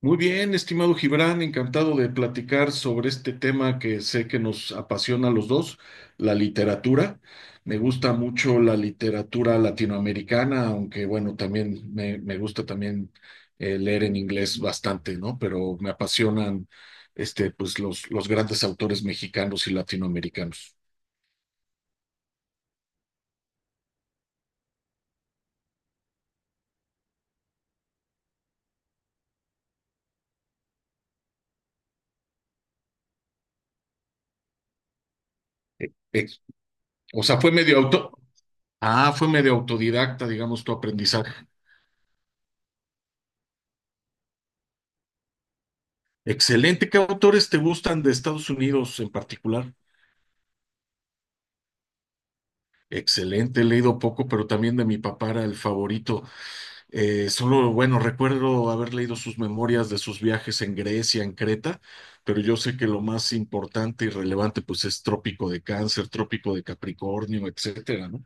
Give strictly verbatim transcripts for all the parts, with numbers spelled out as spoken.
Muy bien, estimado Gibran, encantado de platicar sobre este tema que sé que nos apasiona a los dos, la literatura. Me gusta mucho la literatura latinoamericana, aunque bueno, también me, me gusta también eh, leer en inglés bastante, ¿no? Pero me apasionan este, pues, los, los grandes autores mexicanos y latinoamericanos. Eh, ex- O sea, fue medio auto. Ah, fue medio autodidacta, digamos, tu aprendizaje. Excelente. ¿Qué autores te gustan de Estados Unidos en particular? Excelente, he leído poco, pero también de mi papá era el favorito. Eh, solo, bueno, recuerdo haber leído sus memorias de sus viajes en Grecia, en Creta, pero yo sé que lo más importante y relevante, pues, es Trópico de Cáncer, Trópico de Capricornio, etcétera, ¿no?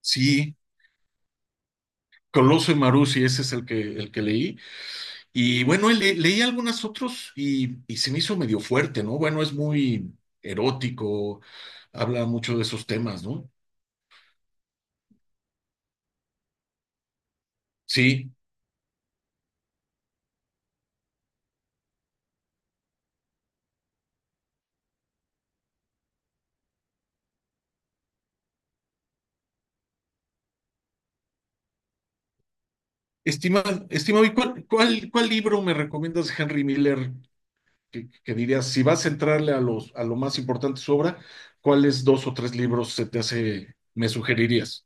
Sí, Coloso y Maruzzi, ese es el que, el que leí. Y bueno, le- leí algunas otros y, y se me hizo medio fuerte, ¿no? Bueno, es muy erótico, habla mucho de esos temas, ¿no? Sí. Estimado, estimado, ¿y cuál, cuál, cuál libro me recomiendas de Henry Miller que, que dirías, si vas a entrarle a los, a lo más importante de su obra, ¿cuáles dos o tres libros se te hace, me sugerirías?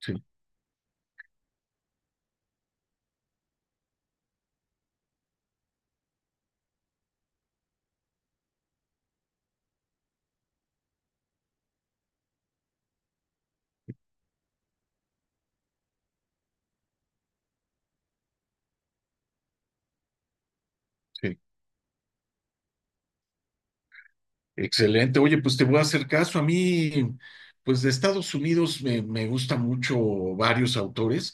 Sí, sí. Excelente. Oye, pues te voy a hacer caso. A mí, pues de Estados Unidos me, me gusta mucho varios autores.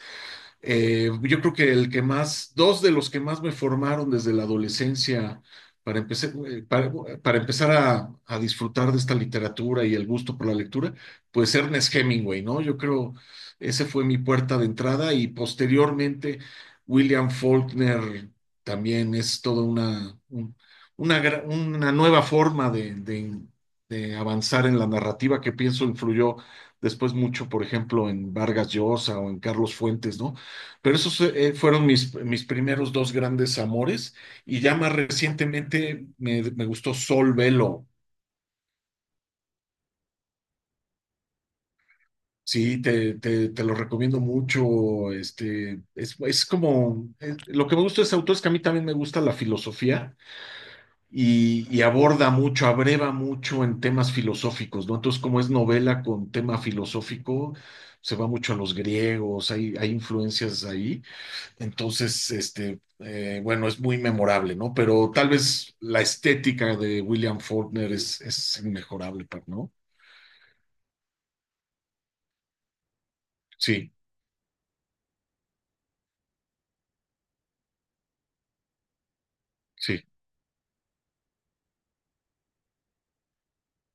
Eh, yo creo que el que más, dos de los que más me formaron desde la adolescencia para, empecé- eh, para, para empezar a, a disfrutar de esta literatura y el gusto por la lectura, pues Ernest Hemingway, ¿no? Yo creo, ese fue mi puerta de entrada y posteriormente William Faulkner también es toda una, un- una, gra- una nueva forma de, de, de avanzar en la narrativa que pienso influyó después mucho, por ejemplo, en Vargas Llosa o en Carlos Fuentes, ¿no? Pero esos eh, fueron mis, mis primeros dos grandes amores y ya más recientemente me, me gustó Sol Velo. Sí, te, te, te lo recomiendo mucho. Este, es, es como, es- lo que me gusta de ese autor es que a mí también me gusta la filosofía y, y aborda mucho, abreva mucho en temas filosóficos, ¿no? Entonces, como es novela con tema filosófico, se va mucho a los griegos, hay, hay influencias ahí. Entonces, este, eh, bueno, es muy memorable, ¿no? Pero tal vez la estética de William Faulkner es, es inmejorable, pa- ¿no? Sí, sí.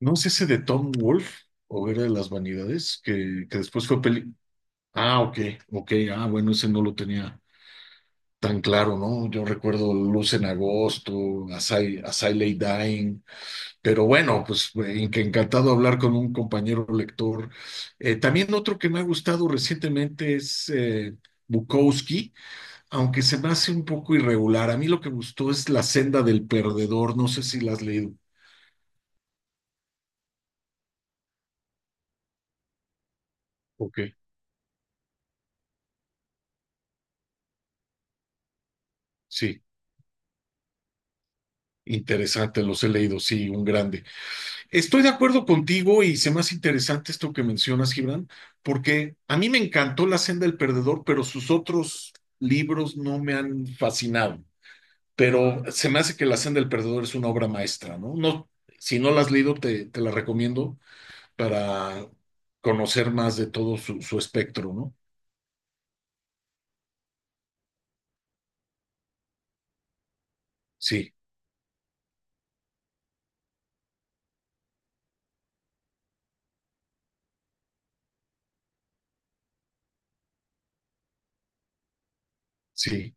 ¿No es ese de Tom Wolfe o era de las vanidades que, que después fue peli? Ah, ok, ok, ah, bueno, ese no lo tenía tan claro, ¿no? Yo recuerdo Luz en Agosto, As I, As I Lay Dying. Pero bueno, pues eh, que encantado hablar con un compañero lector. Eh, también otro que me ha gustado recientemente es eh, Bukowski, aunque se me hace un poco irregular. A mí lo que gustó es La senda del perdedor. No sé si la has leído. Ok, sí, interesante, los he leído, sí, un grande. Estoy de acuerdo contigo y se me hace interesante esto que mencionas, Gibran, porque a mí me encantó La senda del perdedor, pero sus otros libros no me han fascinado. Pero se me hace que La Senda del Perdedor es una obra maestra, ¿no? No, si no la has leído, te, te la recomiendo para conocer más de todo su, su espectro, ¿no? Sí, sí,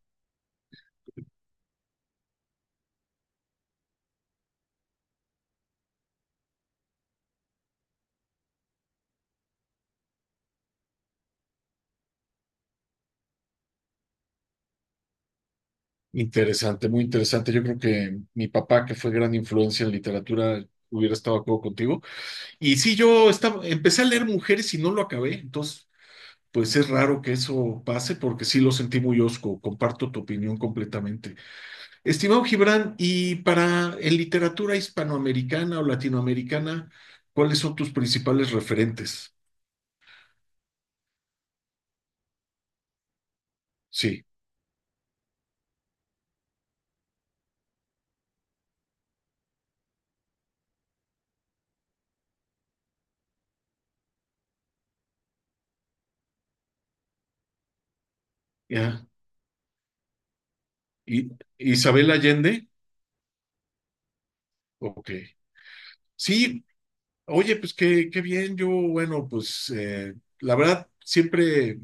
interesante, muy interesante. Yo creo que mi papá, que fue gran influencia en literatura, hubiera estado de acuerdo contigo. Y sí, yo estaba, empecé a leer Mujeres y no lo acabé, entonces. Pues es raro que eso pase porque sí lo sentí muy osco. Comparto tu opinión completamente. Estimado Gibran, y para en literatura hispanoamericana o latinoamericana, ¿cuáles son tus principales referentes? Sí, ya. ¿Y Isabel Allende? Ok. Sí, oye, pues qué, qué bien. Yo, bueno, pues eh, la verdad, siempre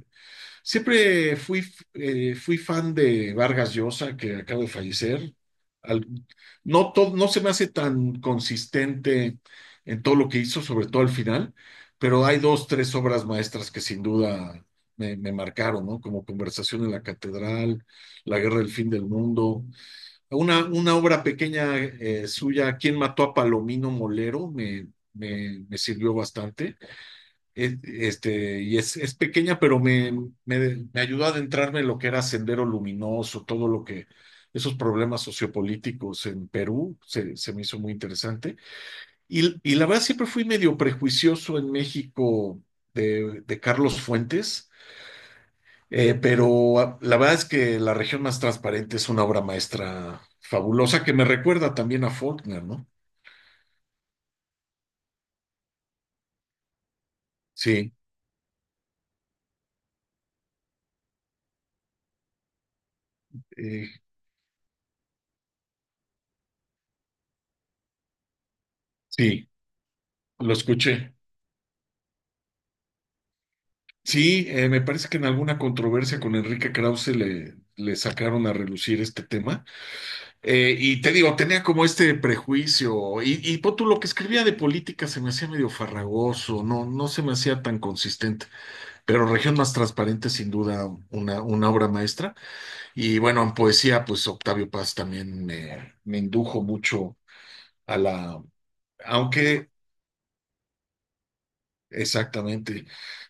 siempre fui, eh, fui fan de Vargas Llosa, que acaba de fallecer. Al- no, to- no se me hace tan consistente en todo lo que hizo, sobre todo al final, pero hay dos, tres obras maestras que sin duda me, me marcaron, ¿no? Como Conversación en la Catedral, La Guerra del Fin del Mundo. Una, una obra pequeña eh, suya, ¿Quién mató a Palomino Molero? Me, me, me sirvió bastante. Es- Este, y es, es pequeña, pero me, me, me ayudó a adentrarme en lo que era Sendero Luminoso, todo lo que, esos problemas sociopolíticos en Perú, se, se me hizo muy interesante. Y, y la verdad siempre fui medio prejuicioso en México de, de Carlos Fuentes, eh, pero ah, la verdad es que La región más transparente es una obra maestra fabulosa que me recuerda también a Faulkner, ¿no? Sí, eh, sí, lo escuché. Sí, eh, me parece que en alguna controversia con Enrique Krause le, le sacaron a relucir este tema. Eh, y te digo, tenía como este prejuicio. Y, y pon tú, lo que escribía de política se me hacía medio farragoso, no, no se me hacía tan consistente. Pero Región Más Transparente, sin duda, una, una obra maestra. Y bueno, en poesía, pues Octavio Paz también me, me indujo mucho a la. Aunque exactamente.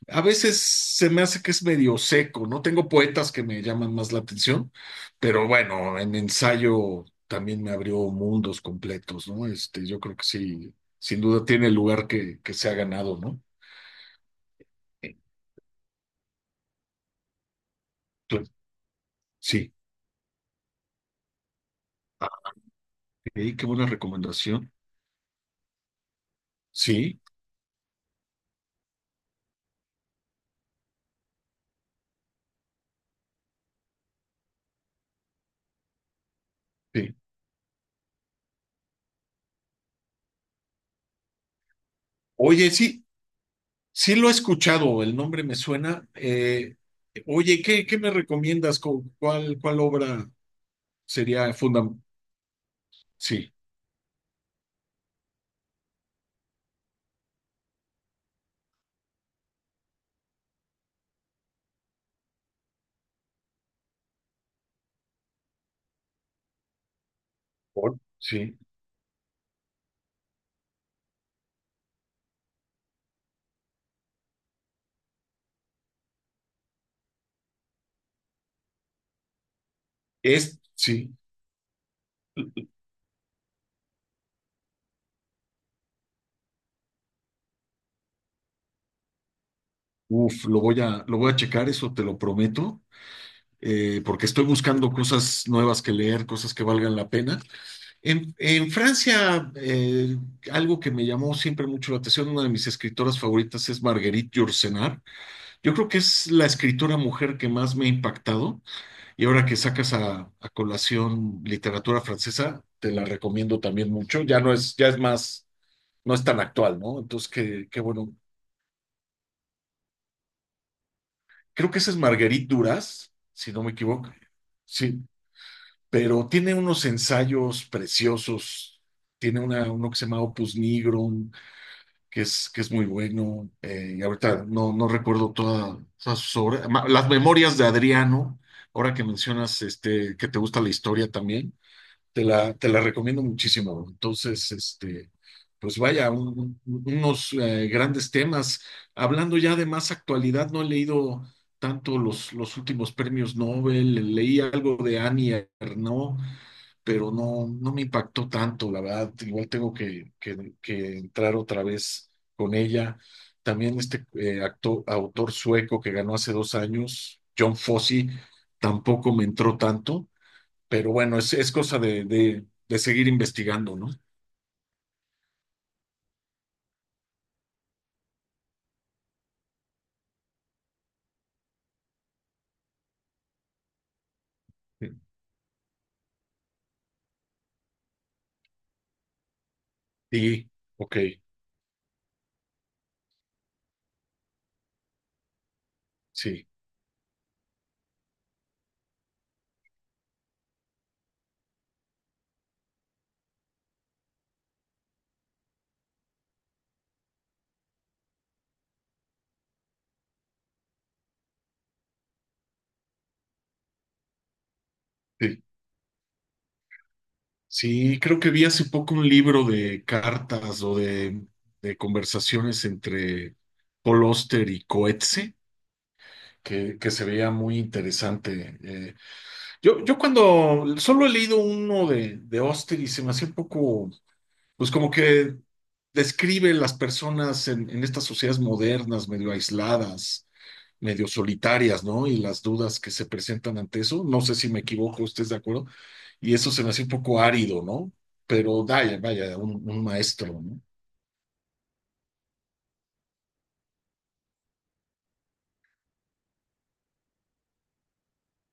A veces se me hace que es medio seco, ¿no? Tengo poetas que me llaman más la atención, pero bueno, en ensayo también me abrió mundos completos, ¿no? Este, yo creo que sí, sin duda tiene el lugar que, que se ha ganado, ¿no? Tú- Sí. Ah, ok, qué buena recomendación. Sí, sí. Oye, sí, sí lo he escuchado, el nombre me suena. Eh, oye, ¿qué, qué me recomiendas? ¿Cu- ¿Cuál, cuál obra sería fundamental? Sí, por- sí. Es, sí, uf, lo voy a, lo voy a checar, eso te lo prometo, eh, porque estoy buscando cosas nuevas que leer, cosas que valgan la pena. En, en Francia, eh, algo que me llamó siempre mucho la atención, una de mis escritoras favoritas es Marguerite Yourcenar. Yo creo que es la escritora mujer que más me ha impactado, y ahora que sacas a, a colación literatura francesa, te la recomiendo también mucho. Ya no es, ya es más, no es tan actual, ¿no? Entonces, qué, qué bueno creo que ese es Marguerite Duras, si no me equivoco. Sí, pero tiene unos ensayos preciosos. Tiene una, uno que se llama Opus Nigrum, que es, que es muy bueno. Eh, y ahorita no, no recuerdo toda- todas sus obras. Ma- Las Memorias de Adriano, ahora que mencionas este, que te gusta la historia también. Te la, te la recomiendo muchísimo. Entonces, este, pues vaya, un- un- unos eh, grandes temas. Hablando ya de más actualidad, no he leído tanto los, los últimos premios Nobel. Leí algo de Annie Ernaux, pero no, no me impactó tanto, la verdad. Igual tengo que, que, que entrar otra vez con ella. También este eh, acto- autor sueco que ganó hace dos años, John Fosse, tampoco me entró tanto. Pero bueno, es, es cosa de, de, de seguir investigando, ¿no? Sí, ok, sí, sí. Sí, creo que vi hace poco un libro de cartas o de, de conversaciones entre Paul Auster y Coetzee, que, que se veía muy interesante. Eh, yo, yo cuando solo he leído uno de, de Auster y se me hacía un poco pues como que describe las personas en, en estas sociedades modernas, medio aisladas, medio solitarias, ¿no? Y las dudas que se presentan ante eso. No sé si me equivoco, ¿usted es de acuerdo? Y eso se me hace un poco árido, ¿no? Pero vaya, vaya, un, un maestro, ¿no?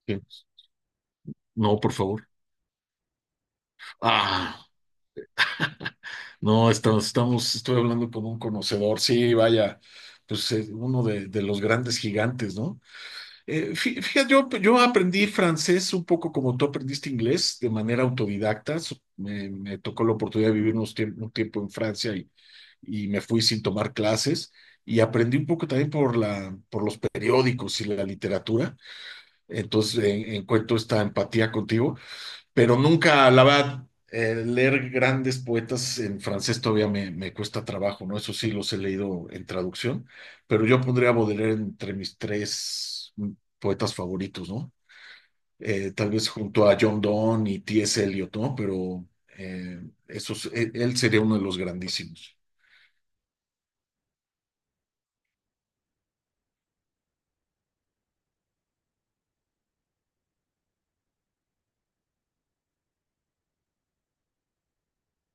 Sí. No, por favor. Ah, no, estamos, estamos, estoy hablando con un conocedor, sí, vaya, pues eh, uno de, de los grandes gigantes, ¿no? Eh, fí- fíjate, yo, yo aprendí francés un poco como tú aprendiste inglés, de manera autodidacta. So- Me, me tocó la oportunidad de vivir unos tiemp- un tiempo en Francia y, y me fui sin tomar clases. Y aprendí un poco también por la, por los periódicos y la literatura. Entonces, eh, encuentro esta empatía contigo pero nunca, la verdad, eh, leer grandes poetas en francés todavía me, me cuesta trabajo, ¿no? Eso sí, los he leído en traducción, pero yo pondría a Baudelaire entre mis tres mm, poetas favoritos, ¿no? Eh, tal vez junto a John Donne y T S. Eliot, ¿no? Pero eh, esos, él, él sería uno de los grandísimos.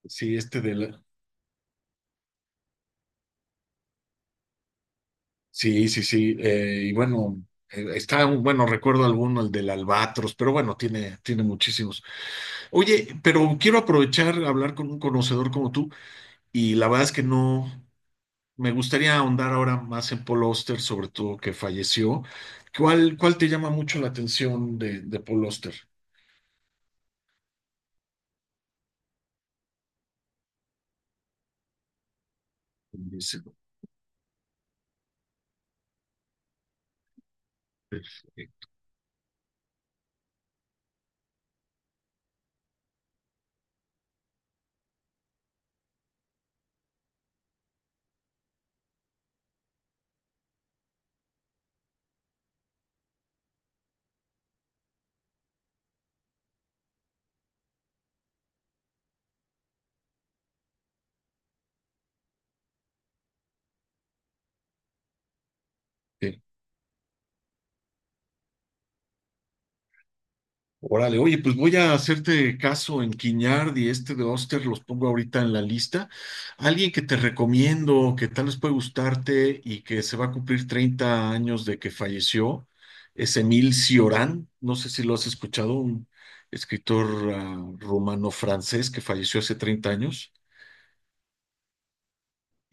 Sí, este de la. Sí, sí, sí. Eh, y bueno, eh, está, un- bueno, recuerdo alguno, el del Albatros, pero bueno, tiene, tiene muchísimos. Oye, pero quiero aprovechar a hablar con un conocedor como tú y la verdad es que no me gustaría ahondar ahora más en Paul Oster, sobre todo que falleció. ¿Cuál, cuál te llama mucho la atención de, de Paul Oster? Dice, eh, eh, Órale, oye, pues voy a hacerte caso en Quiñard y este de Oster, los pongo ahorita en la lista. Alguien que te recomiendo, que tal vez puede gustarte y que se va a cumplir treinta años de que falleció, es Emil Cioran. No sé si lo has escuchado, un escritor ah, rumano-francés que falleció hace treinta años.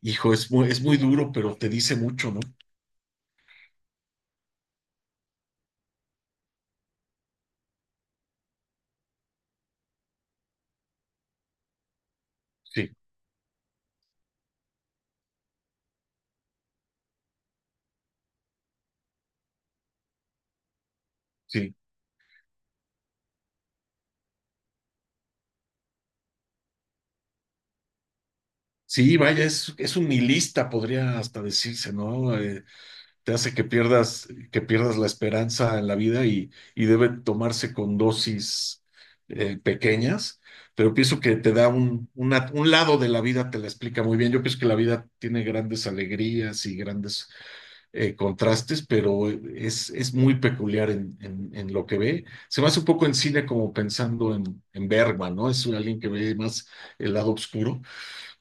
Hijo, es muy, es muy duro, pero te dice mucho, ¿no? Sí, sí. Sí, vaya, es, es un nihilista, podría hasta decirse, ¿no? Eh, te hace que pierdas, que pierdas la esperanza en la vida y, y debe tomarse con dosis eh, pequeñas, pero pienso que te da un, una- un lado de la vida, te la explica muy bien. Yo pienso que la vida tiene grandes alegrías y grandes eh, contrastes, pero es, es muy peculiar en, en- en lo que ve. Se me hace un poco en cine como pensando en, en Bergman, ¿no? Es alguien que ve más el lado oscuro,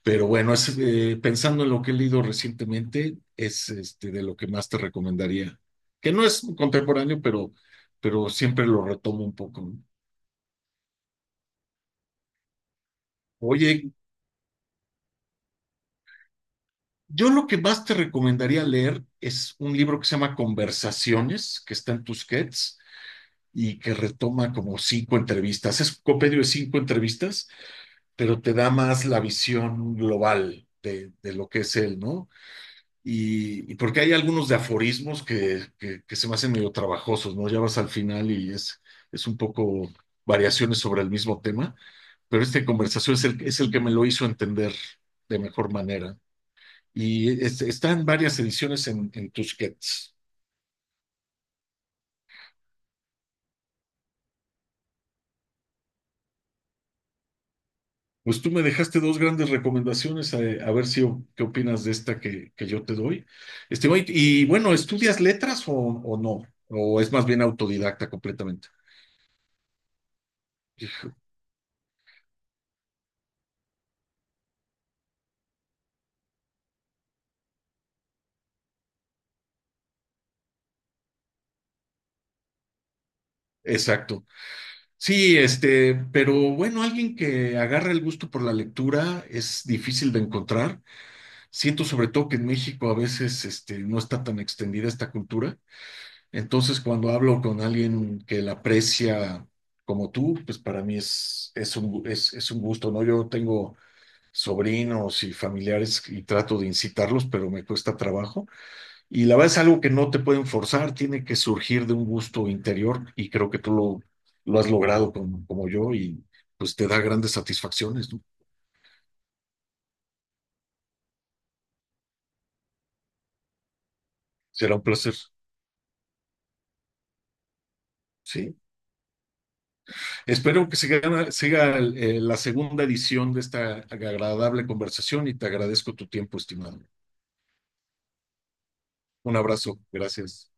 pero bueno, es, eh, pensando en lo que he leído recientemente, es este, de lo que más te recomendaría. Que no es contemporáneo, pero, pero siempre lo retomo un poco, ¿no? Oye, yo lo que más te recomendaría leer es un libro que se llama Conversaciones, que está en Tusquets y que retoma como cinco entrevistas. Es un compendio de cinco entrevistas, pero te da más la visión global de, de lo que es él, ¿no? Y, y porque hay algunos de aforismos que, que, que se me hacen medio trabajosos, ¿no? Ya vas al final y es, es un poco variaciones sobre el mismo tema, pero esta conversación es el, es el que me lo hizo entender de mejor manera. Y es- están varias ediciones en, en Tusquets. Pues tú me dejaste dos grandes recomendaciones, a, a ver si o- qué opinas de esta que, que yo te doy. Este, oye, y bueno, ¿estudias letras o, o no? ¿O es más bien autodidacta completamente? Exacto. Sí, este, pero bueno, alguien que agarra el gusto por la lectura es difícil de encontrar. Siento sobre todo que en México a veces, este, no está tan extendida esta cultura. Entonces, cuando hablo con alguien que la aprecia como tú, pues para mí es, es un, gu- es, es un gusto, ¿no? Yo tengo sobrinos y familiares y trato de incitarlos, pero me cuesta trabajo. Y la verdad es algo que no te pueden forzar, tiene que surgir de un gusto interior y creo que tú lo, lo has logrado como, como yo y pues te da grandes satisfacciones, ¿no? Será un placer, sí. Espero que siga, siga eh, la segunda edición de esta agradable conversación y te agradezco tu tiempo, estimado. Un abrazo, gracias.